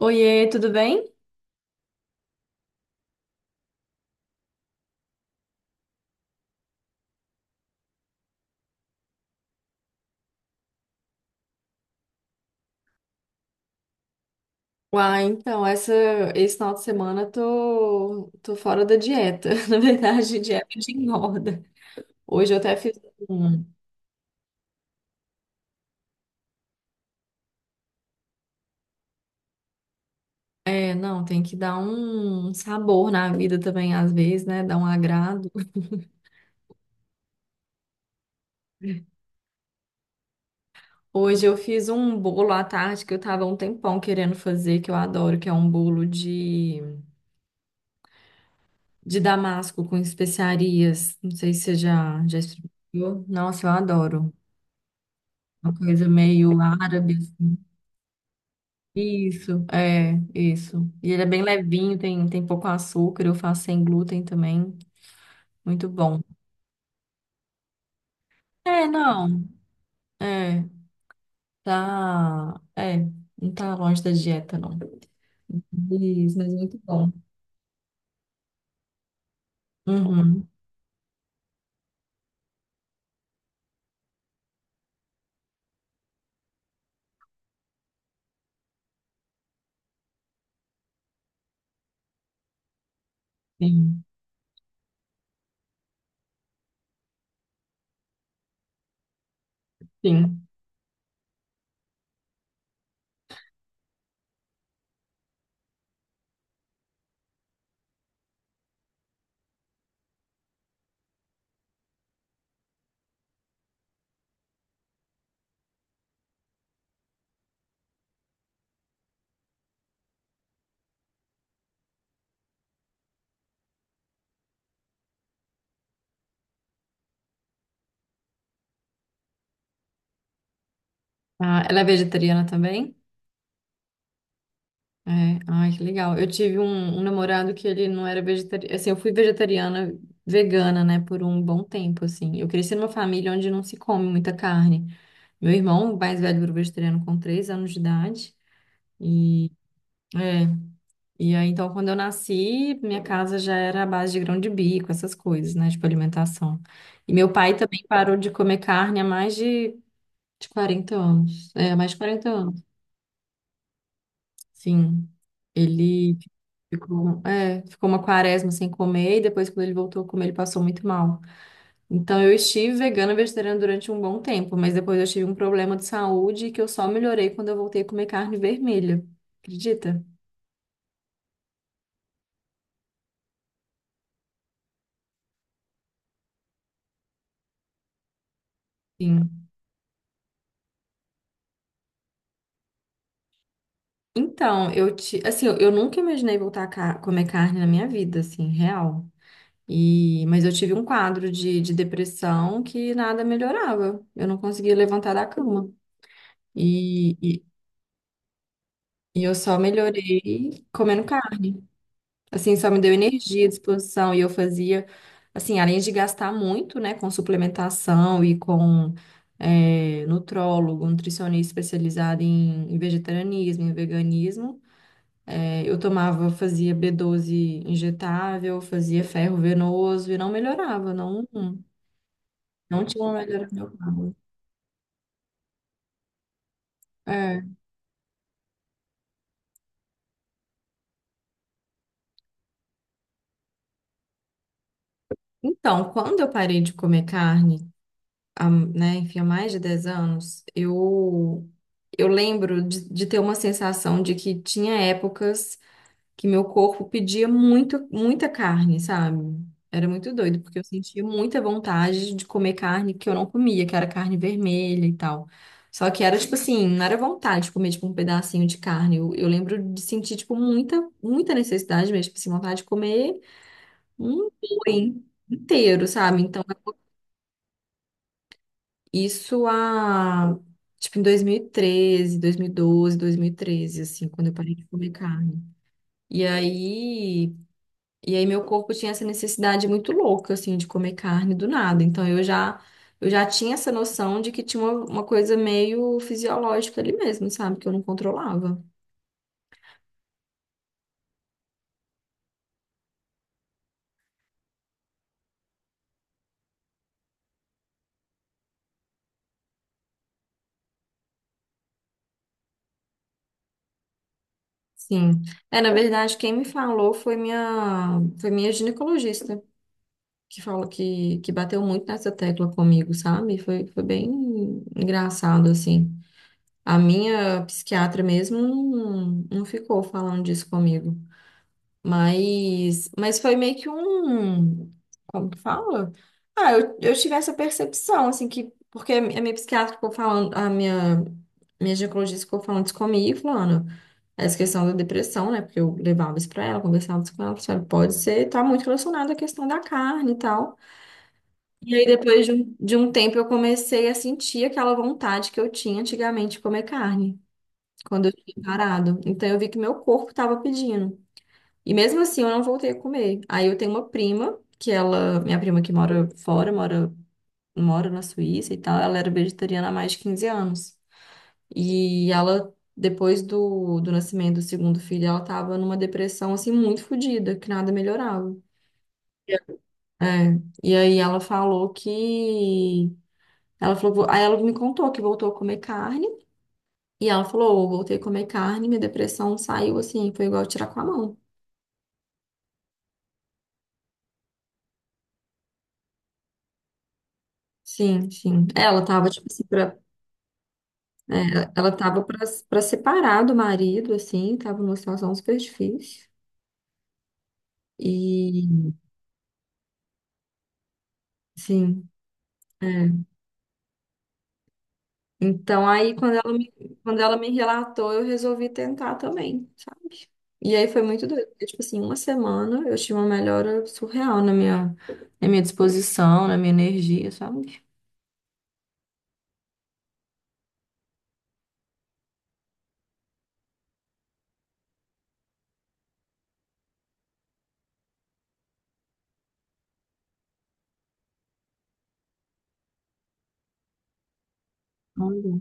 Oiê, tudo bem? Uai, então, essa, Esse final de semana eu tô fora da dieta. Na verdade, dieta de engorda. Hoje eu até fiz um. É, não, Tem que dar um sabor na vida também, às vezes, né? Dar um agrado. Hoje eu fiz um bolo à tarde que eu tava há um tempão querendo fazer, que eu adoro, que é um bolo de damasco com especiarias. Não sei se você já experimentou. Nossa, eu adoro. Uma coisa meio árabe assim. Isso. E ele é bem levinho, tem pouco açúcar, eu faço sem glúten também. Muito bom. É, não, é, tá, é, não tá longe da dieta, não. Isso, mas muito bom. Uhum, sim, sim. Ah, ela é vegetariana também? É, ai, que legal. Eu tive um namorado que ele não era vegetariano, assim, eu fui vegetariana, vegana, né, por um bom tempo, assim. Eu cresci numa família onde não se come muita carne. Meu irmão mais velho virou vegetariano com três anos de idade. E, é, e aí, então, quando eu nasci, minha casa já era à base de grão de bico, essas coisas, né? Tipo, alimentação. E meu pai também parou de comer carne há mais de 40 anos. É, há mais de 40 anos, sim. Ele ficou, é, ficou uma quaresma sem comer e depois, quando ele voltou a comer, ele passou muito mal. Então, eu estive vegana e vegetariana durante um bom tempo, mas depois eu tive um problema de saúde que eu só melhorei quando eu voltei a comer carne vermelha. Acredita? Sim. Então, assim, eu nunca imaginei voltar a comer carne na minha vida, assim, real. E, mas eu tive um quadro de depressão que nada melhorava. Eu não conseguia levantar da cama. E, e, e eu só melhorei comendo carne. Assim, só me deu energia, disposição, e eu fazia, assim, além de gastar muito, né, com suplementação e com nutrólogo, nutricionista especializado em vegetarianismo, em veganismo, eu tomava, fazia B12 injetável, fazia ferro venoso e não melhorava, não, não tinha uma melhora no meu corpo. É. Então, quando eu parei de comer carne, há, né, enfim, há mais de 10 anos, eu lembro de ter uma sensação de que tinha épocas que meu corpo pedia muito, muita carne, sabe? Era muito doido, porque eu sentia muita vontade de comer carne que eu não comia, que era carne vermelha e tal. Só que era tipo assim, não era vontade de comer tipo um pedacinho de carne. Eu lembro de sentir tipo muita necessidade mesmo, tipo assim, vontade de comer um boi inteiro, sabe? Então isso há, tipo, em dois mil e treze, dois mil e doze, 2013, 2012, 13 assim, quando eu parei de comer carne. E aí, e aí meu corpo tinha essa necessidade muito louca, assim, de comer carne do nada. Então eu já tinha essa noção de que tinha uma coisa meio fisiológica ali mesmo, sabe? Que eu não controlava. Sim. É, na verdade, quem me falou foi foi minha ginecologista. Que falou que bateu muito nessa tecla comigo, sabe? Foi bem engraçado, assim. A minha psiquiatra mesmo não ficou falando disso comigo. Mas foi meio que um. Como que fala? Ah, eu tive essa percepção, assim, que. Porque a minha psiquiatra ficou falando, a minha ginecologista ficou falando isso comigo, falando "Ah, essa questão da depressão, né? Porque eu levava isso pra ela, conversava isso com ela, sabe? Pode ser, tá muito relacionado à questão da carne e tal. E aí, depois de de um tempo, eu comecei a sentir aquela vontade que eu tinha antigamente de comer carne quando eu tinha parado. Então eu vi que meu corpo estava pedindo. E mesmo assim eu não voltei a comer. Aí eu tenho uma prima, que ela, minha prima que mora fora, mora na Suíça e tal, ela era vegetariana há mais de 15 anos. E ela, depois do nascimento do segundo filho, ela tava numa depressão assim muito fodida, que nada melhorava. É, e aí ela falou que. Ela falou, aí ela me contou que voltou a comer carne. E ela falou, eu voltei a comer carne, minha depressão saiu assim, foi igual tirar com a mão. Sim, sim. Ela tava, tipo assim, é, ela tava pra separar do marido, assim, tava numa situação super difícil. E, sim, é. Então, aí, quando ela me relatou, eu resolvi tentar também, sabe? E aí foi muito doido, porque, tipo assim, uma semana eu tive uma melhora surreal na na minha disposição, na minha energia, sabe? Olha,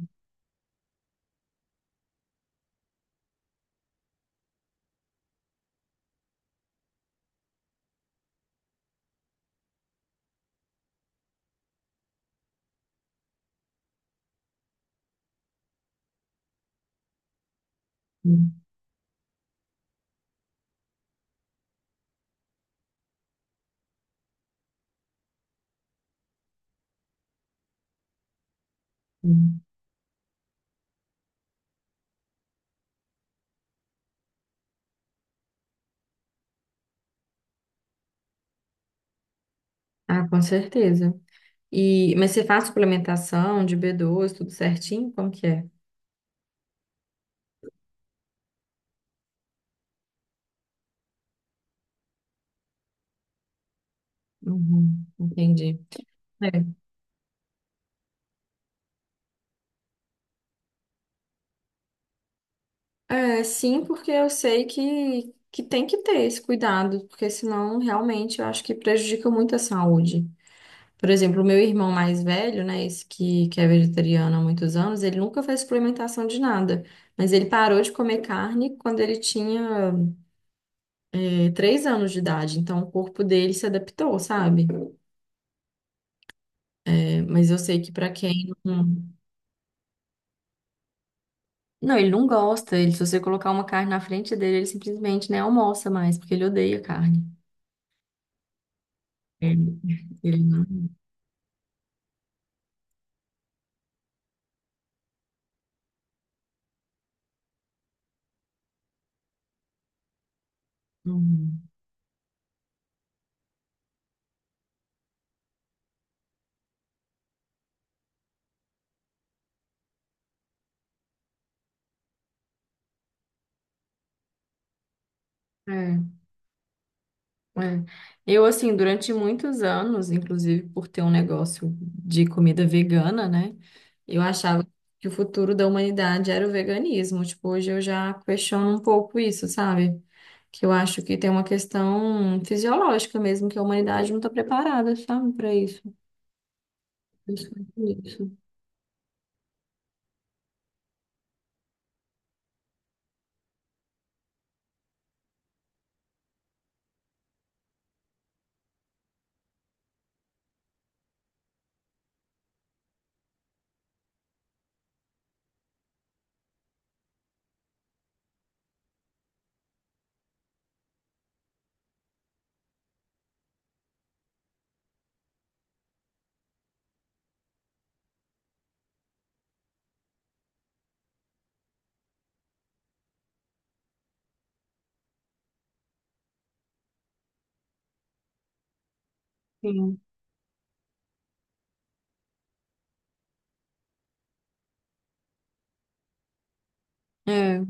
sim, sim. Ah, com certeza. E, mas você faz suplementação de B12, tudo certinho? Como que é? Uhum, entendi. É. É, sim, porque eu sei que tem que ter esse cuidado, porque senão realmente eu acho que prejudica muito a saúde. Por exemplo, o meu irmão mais velho, né, esse que é vegetariano há muitos anos, ele nunca fez suplementação de nada, mas ele parou de comer carne quando ele tinha, três anos de idade, então o corpo dele se adaptou, sabe? É, mas eu sei que para quem não. Não, ele não gosta. Ele, se você colocar uma carne na frente dele, ele simplesmente nem almoça mais, porque ele odeia carne. Ele, ele não. não- É, é. Eu, assim, durante muitos anos, inclusive por ter um negócio de comida vegana, né? Eu achava que o futuro da humanidade era o veganismo. Tipo, hoje eu já questiono um pouco isso, sabe? Que eu acho que tem uma questão fisiológica mesmo, que a humanidade não está preparada, sabe, para isso. Isso, isso. Sim. É.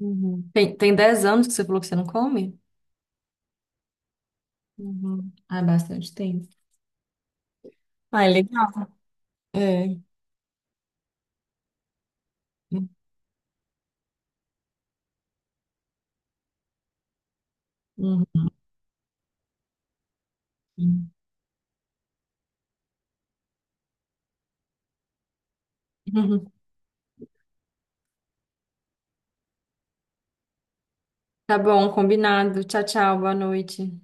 Uhum. Tem, tem 10 anos que você falou que você não come? Uhum. Ah, é bastante tempo. Ah, é legal. É. Uhum. Uhum. Tá bom, combinado. Tchau, tchau, boa noite.